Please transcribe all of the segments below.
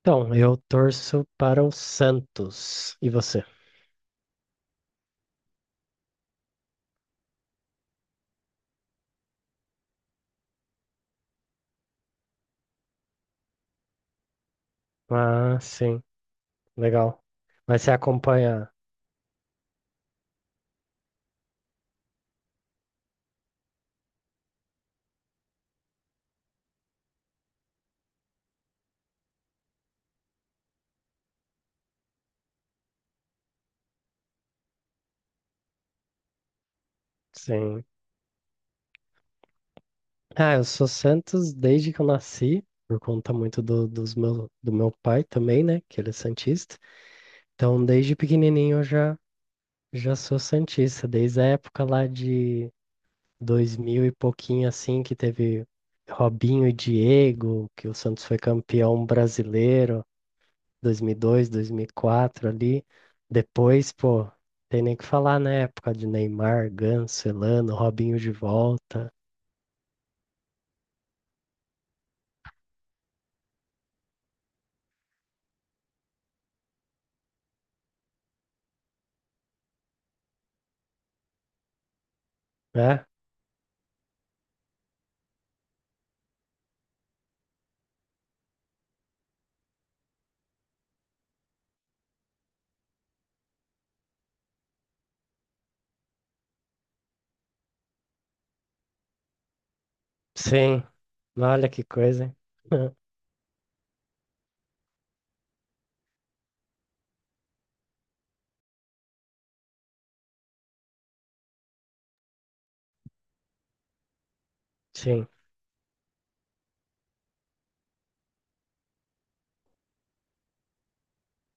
Então, eu torço para o Santos. E você? Ah, sim, legal. Mas você acompanha? Sim. Ah, eu sou Santos desde que eu nasci, por conta muito do meu pai também, né? Que ele é santista. Então, desde pequenininho eu já sou santista. Desde a época lá de 2000 e pouquinho, assim, que teve Robinho e Diego, que o Santos foi campeão brasileiro. 2002, 2004 ali. Depois, pô, tem nem o que falar, né? Época de Neymar, Ganso, Elano, Robinho de volta, né? Sim, olha que coisa, hein? Sim,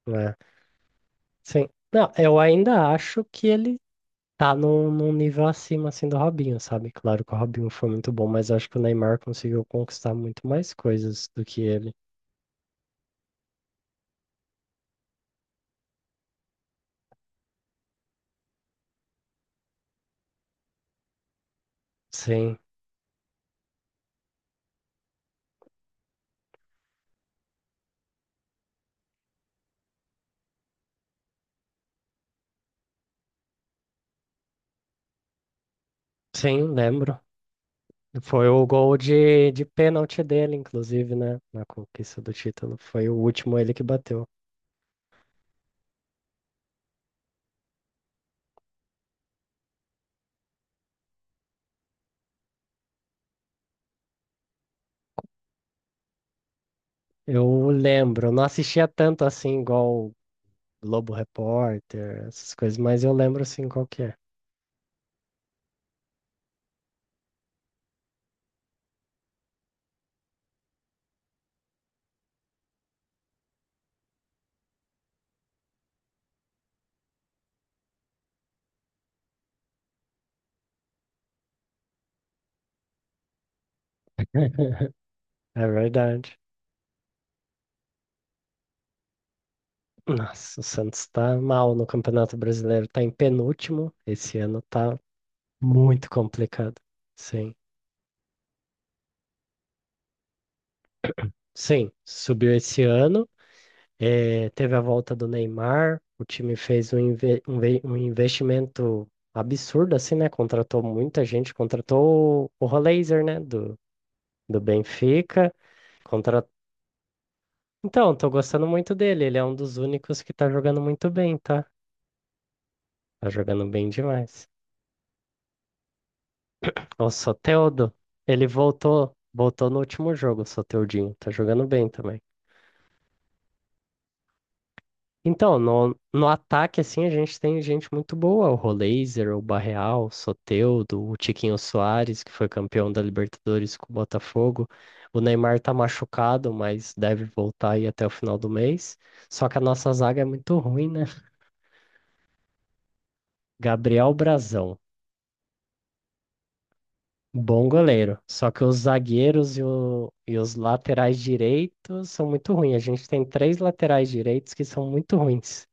né? Sim. Não, eu ainda acho que ele tá num nível acima, assim, do Robinho, sabe? Claro que o Robinho foi muito bom, mas acho que o Neymar conseguiu conquistar muito mais coisas do que ele. Sim, sim, lembro. Foi o gol de pênalti dele, inclusive, né? Na conquista do título. Foi o último ele que bateu. Eu lembro, não assistia tanto assim, igual Globo Repórter, essas coisas, mas eu lembro assim qual que é. É verdade. Nossa, o Santos tá mal no Campeonato Brasileiro, tá em penúltimo. Esse ano tá muito complicado. Sim. Sim, subiu esse ano. Eh, teve a volta do Neymar, o time fez um investimento absurdo, assim, né? Contratou muita gente, contratou o Rollaser, né? Do, do Benfica. Contra... Então, tô gostando muito dele. Ele é um dos únicos que tá jogando muito bem, tá? Tá jogando bem demais. O Soteldo, ele voltou no último jogo, o Soteldinho. Tá jogando bem também. Então, no, no ataque, assim, a gente tem gente muito boa, o Rolazer, o Barreal, o Soteldo, o Tiquinho Soares, que foi campeão da Libertadores com o Botafogo. O Neymar tá machucado, mas deve voltar aí até o final do mês. Só que a nossa zaga é muito ruim, né? Gabriel Brazão, bom goleiro. Só que os zagueiros e, o- e os laterais direitos são muito ruins. A gente tem três laterais direitos que são muito ruins.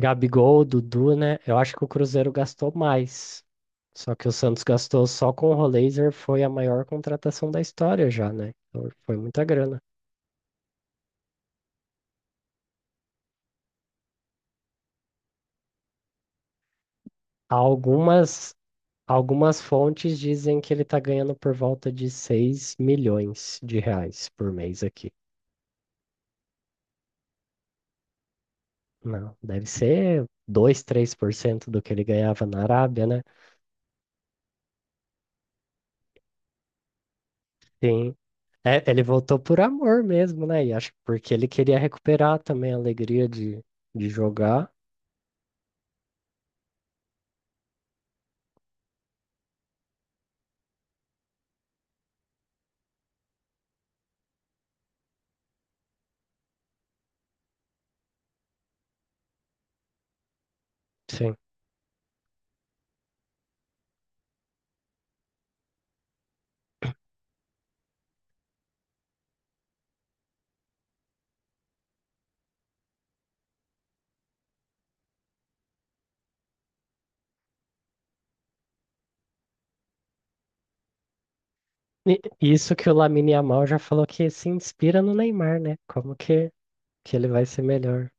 Gabigol, Dudu, né? Eu acho que o Cruzeiro gastou mais. Só que o Santos gastou só com o Rolaser, foi a maior contratação da história já, né? Então, foi muita grana. Algumas, algumas fontes dizem que ele tá ganhando por volta de R$ 6 milhões por mês aqui. Não, deve ser dois, três por cento do que ele ganhava na Arábia, né? Sim. É, ele voltou por amor mesmo, né? E acho que porque ele queria recuperar também a alegria de jogar. Sim. Isso que o Lamine Yamal já falou que se inspira no Neymar, né? Como que ele vai ser melhor?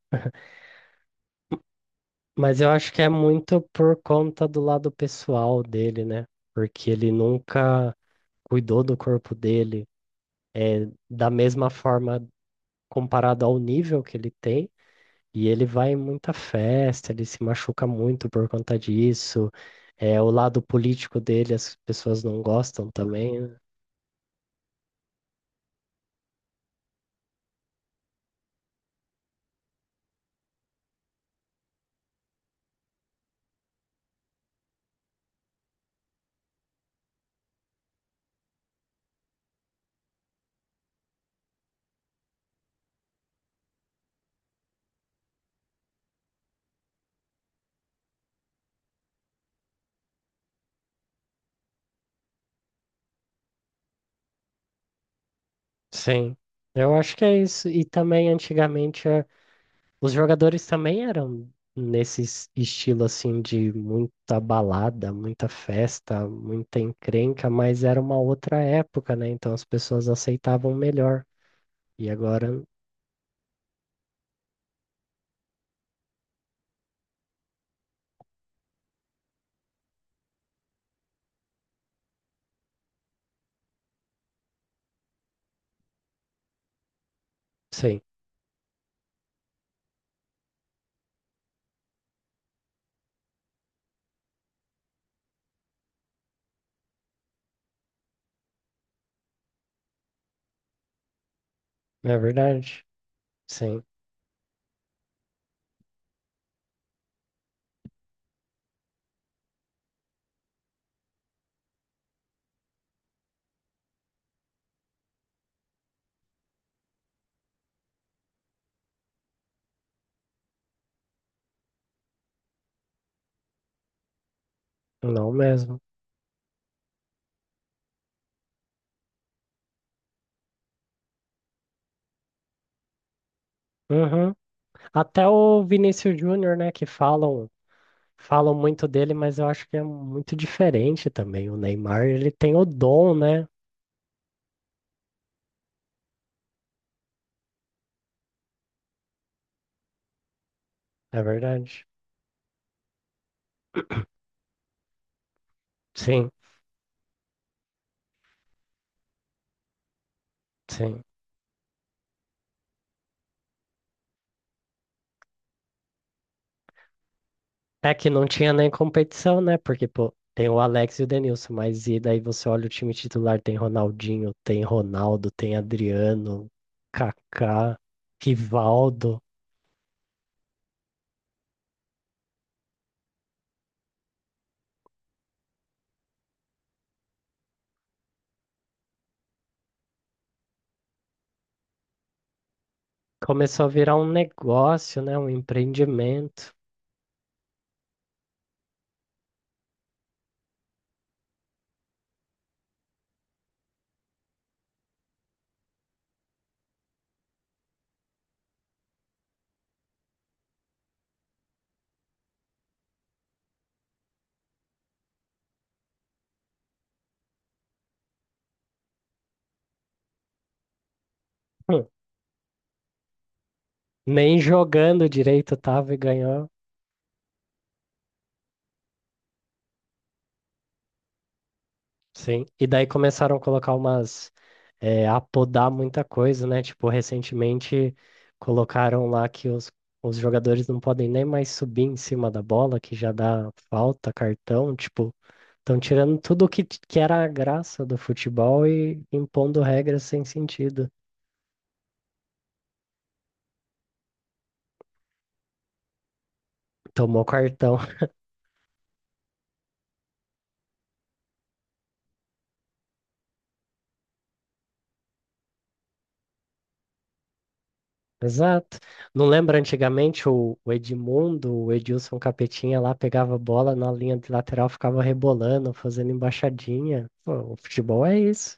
Mas eu acho que é muito por conta do lado pessoal dele, né? Porque ele nunca cuidou do corpo dele, é, da mesma forma comparado ao nível que ele tem. E ele vai em muita festa, ele se machuca muito por conta disso. É, o lado político dele, as pessoas não gostam também, né? Sim, eu acho que é isso. E também antigamente. Os jogadores também eram nesse estilo assim de muita balada, muita festa, muita encrenca, mas era uma outra época, né? Então as pessoas aceitavam melhor. E agora, sim, é verdade. Sim, não mesmo. Uhum. Até o Vinícius Júnior, né, que falam, falam muito dele, mas eu acho que é muito diferente também. O Neymar, ele tem o dom, né? É verdade. Sim, sim. É que não tinha nem competição, né? Porque, pô, tem o Alex e o Denilson, mas e daí você olha o time titular, tem Ronaldinho, tem Ronaldo, tem Adriano, Kaká, Rivaldo. Começou a virar um negócio, né? Um empreendimento. Hum, Nem jogando direito tava e ganhou. Sim. E daí começaram a colocar umas. É, a podar muita coisa, né? Tipo, recentemente colocaram lá que os jogadores não podem nem mais subir em cima da bola, que já dá falta, cartão. Tipo, estão tirando tudo que, que era a graça do futebol e impondo regras sem sentido. Tomou cartão. Exato. Não lembra antigamente o Edmundo, o Edilson Capetinha lá pegava a bola na linha de lateral, ficava rebolando, fazendo embaixadinha. Pô, o futebol é isso.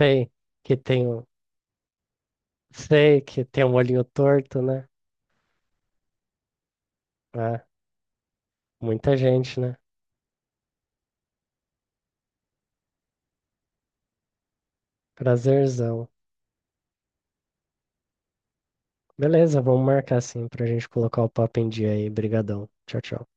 Sei que tem o, sei que tem um olhinho torto, né? É, muita gente, né? Prazerzão. Beleza, vamos marcar assim pra gente colocar o papo em dia aí. Brigadão. Tchau, tchau.